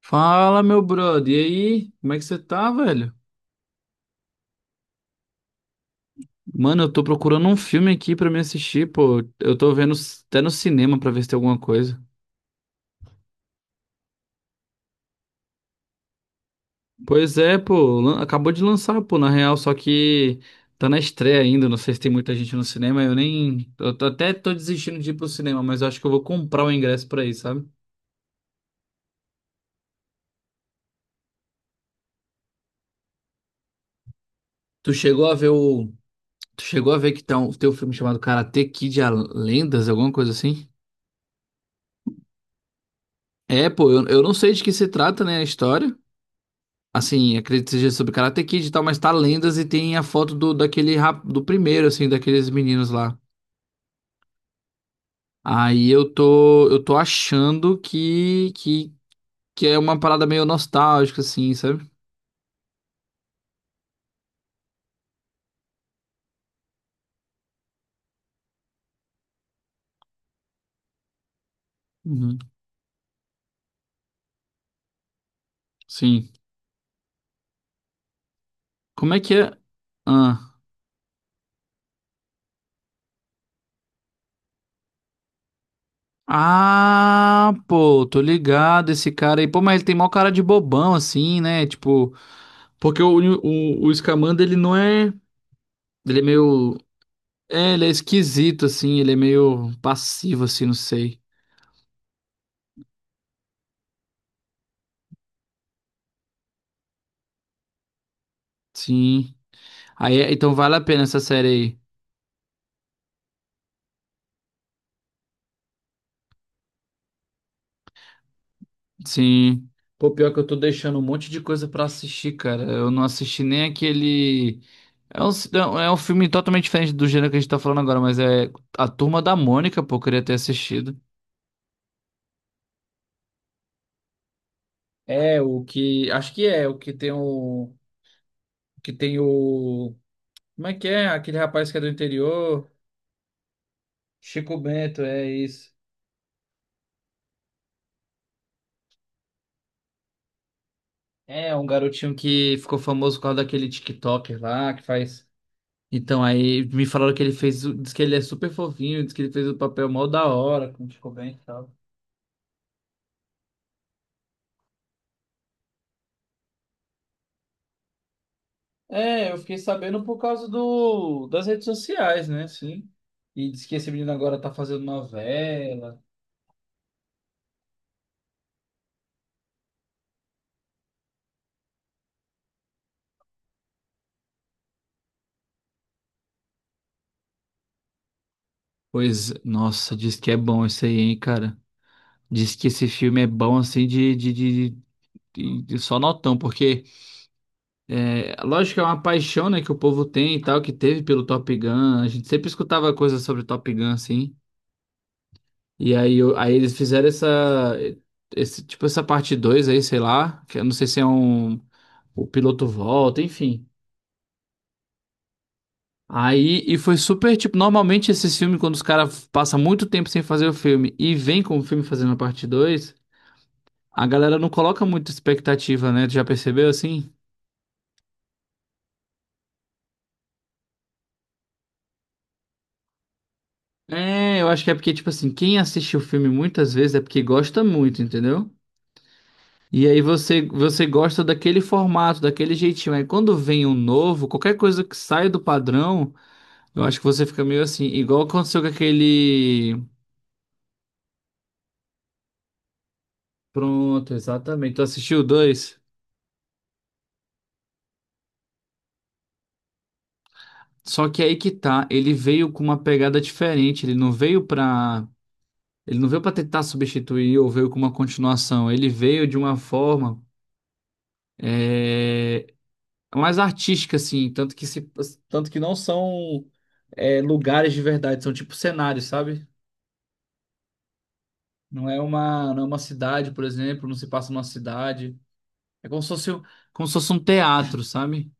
Fala, meu brother. E aí? Como é que você tá, velho? Mano, eu tô procurando um filme aqui pra me assistir, pô. Eu tô vendo até no cinema pra ver se tem alguma coisa. Pois é, pô. Acabou de lançar, pô, na real, só que tá na estreia ainda. Não sei se tem muita gente no cinema. Eu nem. Até tô desistindo de ir pro cinema, mas eu acho que eu vou comprar o ingresso pra ir, sabe? Tu chegou a ver o. Tu chegou a ver que tem um filme chamado Karate Kid, a Lendas, alguma coisa assim? É, pô, eu não sei de que se trata, né, a história. Assim, acredito que seja sobre Karate Kid e tal, mas tá lendas e tem a foto do primeiro, assim, daqueles meninos lá. Aí eu tô achando que é uma parada meio nostálgica, assim, sabe? Uhum. Sim. Como é que é? Ah. Ah, pô, tô ligado esse cara aí. Pô, mas ele tem mó cara de bobão, assim, né? Tipo, porque o Scamander, ele não é. Ele é meio. É, ele é esquisito, assim, ele é meio passivo, assim, não sei. Sim. Aí, então vale a pena essa série aí. Sim. Pô, pior que eu tô deixando um monte de coisa pra assistir, cara. Eu não assisti nem aquele. É um, não, é um filme totalmente diferente do gênero que a gente tá falando agora, mas é A Turma da Mônica, pô, eu queria ter assistido. É o que. Acho que é, o que tem o. Que tem o. Como é que é? Aquele rapaz que é do interior. Chico Bento, é isso. É, um garotinho que ficou famoso por causa daquele TikToker lá, que faz. Então, aí me falaram que ele fez, diz que ele é super fofinho, diz que ele fez o papel mó da hora, como ficou bem e tal. É, eu fiquei sabendo por causa das redes sociais, né? Assim. E diz que esse menino agora tá fazendo novela. Pois, nossa, diz que é bom isso aí, hein, cara. Diz que esse filme é bom assim de só notão, porque lógico que é uma paixão, né, que o povo tem e tal, que teve pelo Top Gun. A gente sempre escutava coisas sobre Top Gun, assim. E aí, aí eles fizeram essa, esse, tipo essa parte 2 aí, sei lá, que eu não sei se é o piloto volta, enfim. Aí, e foi super, tipo, normalmente esses filmes, quando os caras passam muito tempo sem fazer o filme e vem com o filme fazendo a parte dois, a galera não coloca muita expectativa, né? Tu já percebeu assim? É, eu acho que é porque, tipo assim, quem assiste o filme muitas vezes é porque gosta muito, entendeu? E aí você gosta daquele formato, daquele jeitinho. Aí quando vem um novo, qualquer coisa que sai do padrão, eu acho que você fica meio assim, igual aconteceu com aquele. Pronto, exatamente. Tu assistiu o dois? Só que aí que tá, ele veio com uma pegada diferente, ele não veio pra. Ele não veio pra tentar substituir ou veio com uma continuação. Ele veio de uma forma é, mais artística, assim, tanto que se, tanto que não são lugares de verdade, são tipo cenários, sabe? Não é uma cidade, por exemplo, não se passa numa cidade. É como se fosse, um- Como se fosse um teatro, sabe?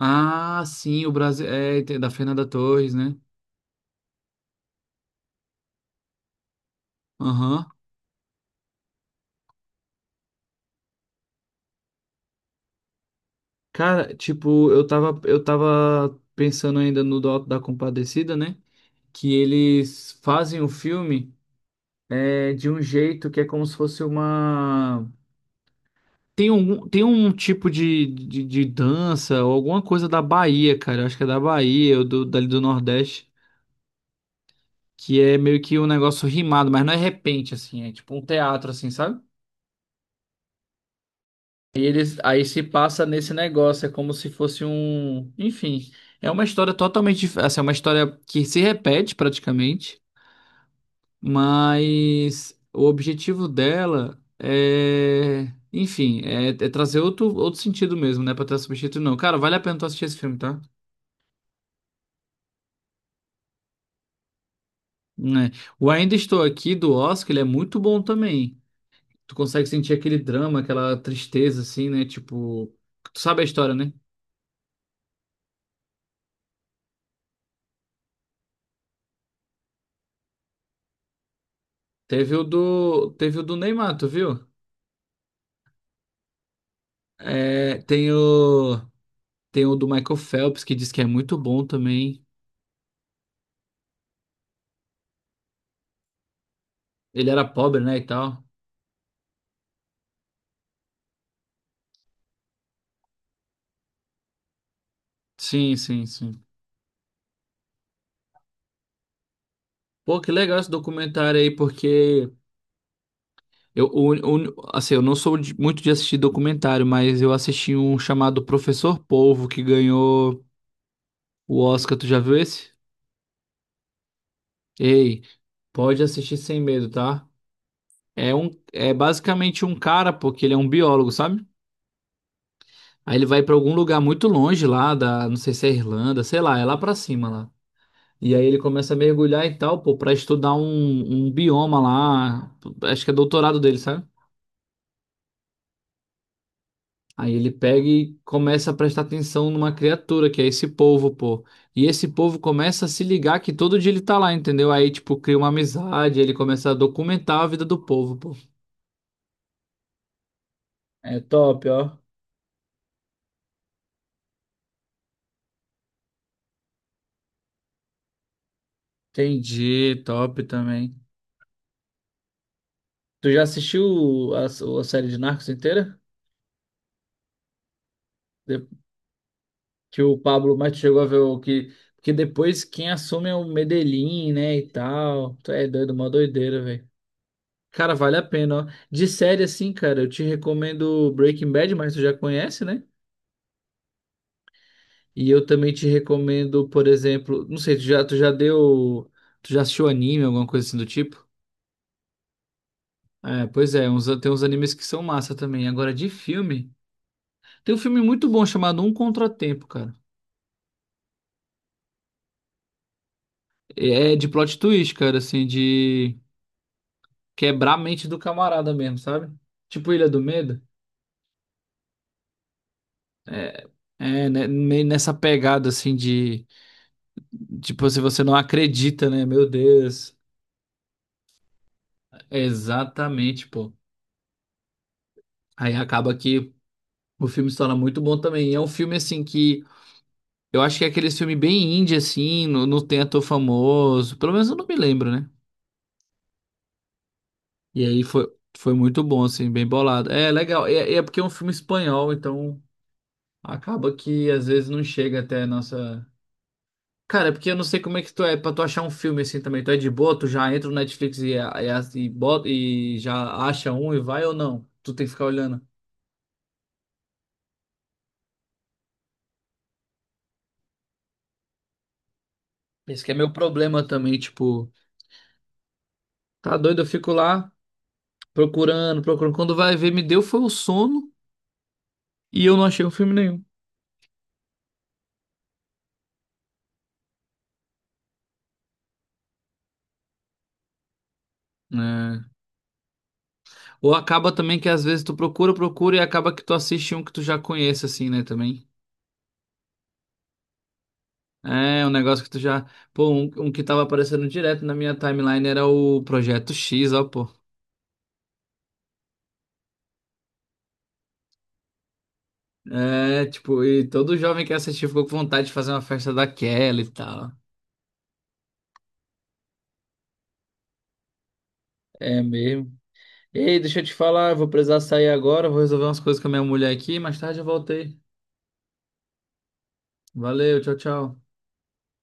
Ah, sim, o Brasil. É, da Fernanda Torres, né? Aham. Cara, tipo, eu tava pensando ainda no do Alto da Compadecida, né? Que eles fazem o filme, de um jeito que é como se fosse uma. Tem um tipo de dança ou alguma coisa da Bahia, cara. Eu acho que é da Bahia ou dali do Nordeste, que é meio que um negócio rimado, mas não é repente, assim, é tipo um teatro, assim, sabe? E eles aí se passa nesse negócio, é como se fosse um. Enfim, é uma história totalmente. Assim, é uma história que se repete praticamente, mas o objetivo dela é. Enfim, é, trazer outro sentido mesmo, né? Pra ter substituto, não. Cara, vale a pena tu assistir esse filme, tá? Né? O Ainda Estou Aqui do Oscar, ele é muito bom também. Tu consegue sentir aquele drama, aquela tristeza, assim, né? Tipo, tu sabe a história, né? Teve o do Neymar, tu viu? É, tem o do Michael Phelps, que diz que é muito bom também. Ele era pobre, né, e tal. Sim, sim, sim. Pô, que legal esse documentário aí, porque assim, eu não sou muito de assistir documentário, mas eu assisti um chamado Professor Polvo, que ganhou o Oscar, tu já viu esse? Ei, pode assistir sem medo, tá? É basicamente um cara, porque ele é um biólogo, sabe? Aí ele vai pra algum lugar muito longe lá não sei se é Irlanda, sei lá, é lá pra cima lá. E aí ele começa a mergulhar e tal, pô, pra estudar um bioma lá, acho que é doutorado dele, sabe? Aí ele pega e começa a prestar atenção numa criatura, que é esse povo, pô. E esse povo começa a se ligar que todo dia ele tá lá, entendeu? Aí, tipo, cria uma amizade, ele começa a documentar a vida do povo, pô. É top, ó. Entendi, top também. Tu já assistiu a série de Narcos inteira? De- que o Pablo Mate chegou a ver o que. Porque depois quem assume é o Medellín, né? E tal. Tu é doido, uma doideira, velho. Cara, vale a pena, ó. De série, assim, cara, eu te recomendo Breaking Bad, mas tu já conhece, né? E eu também te recomendo, por exemplo, não sei, tu já deu. Tu já assistiu anime, alguma coisa assim do tipo? É, pois é, tem uns animes que são massa também. Agora, de filme. Tem um filme muito bom chamado Um Contratempo, cara. É de plot twist, cara, assim, de quebrar a mente do camarada mesmo, sabe? Tipo Ilha do Medo. É, é, né, meio nessa pegada, assim, de. Tipo, se você não acredita, né? Meu Deus. Exatamente, pô. Aí acaba que o filme se torna muito bom também. E é um filme, assim, que eu acho que é aquele filme bem indie, assim, não, não tem ator famoso. Pelo menos eu não me lembro, né? E aí foi muito bom, assim, bem bolado. É legal. É porque é um filme espanhol, então. Acaba que às vezes não chega até a nossa. Cara, é porque eu não sei como é que tu é pra tu achar um filme assim também. Tu é de boa, tu já entra no Netflix bota, e já acha um e vai ou não? Tu tem que ficar olhando. Esse que é meu problema também, tipo, tá doido, eu fico lá procurando, procurando. Quando vai ver, me deu foi o sono e eu não achei um filme nenhum. Né? Ou acaba também que às vezes tu procura, procura e acaba que tu assiste um que tu já conhece, assim, né, também. É, um negócio que tu já. Pô, um que tava aparecendo direto na minha timeline era o Projeto X, ó, pô. É, tipo, e todo jovem que assistiu ficou com vontade de fazer uma festa daquela e tal. É mesmo. Ei, deixa eu te falar, eu vou precisar sair agora, vou resolver umas coisas com a minha mulher aqui, mais tarde eu voltei. Valeu, tchau, tchau.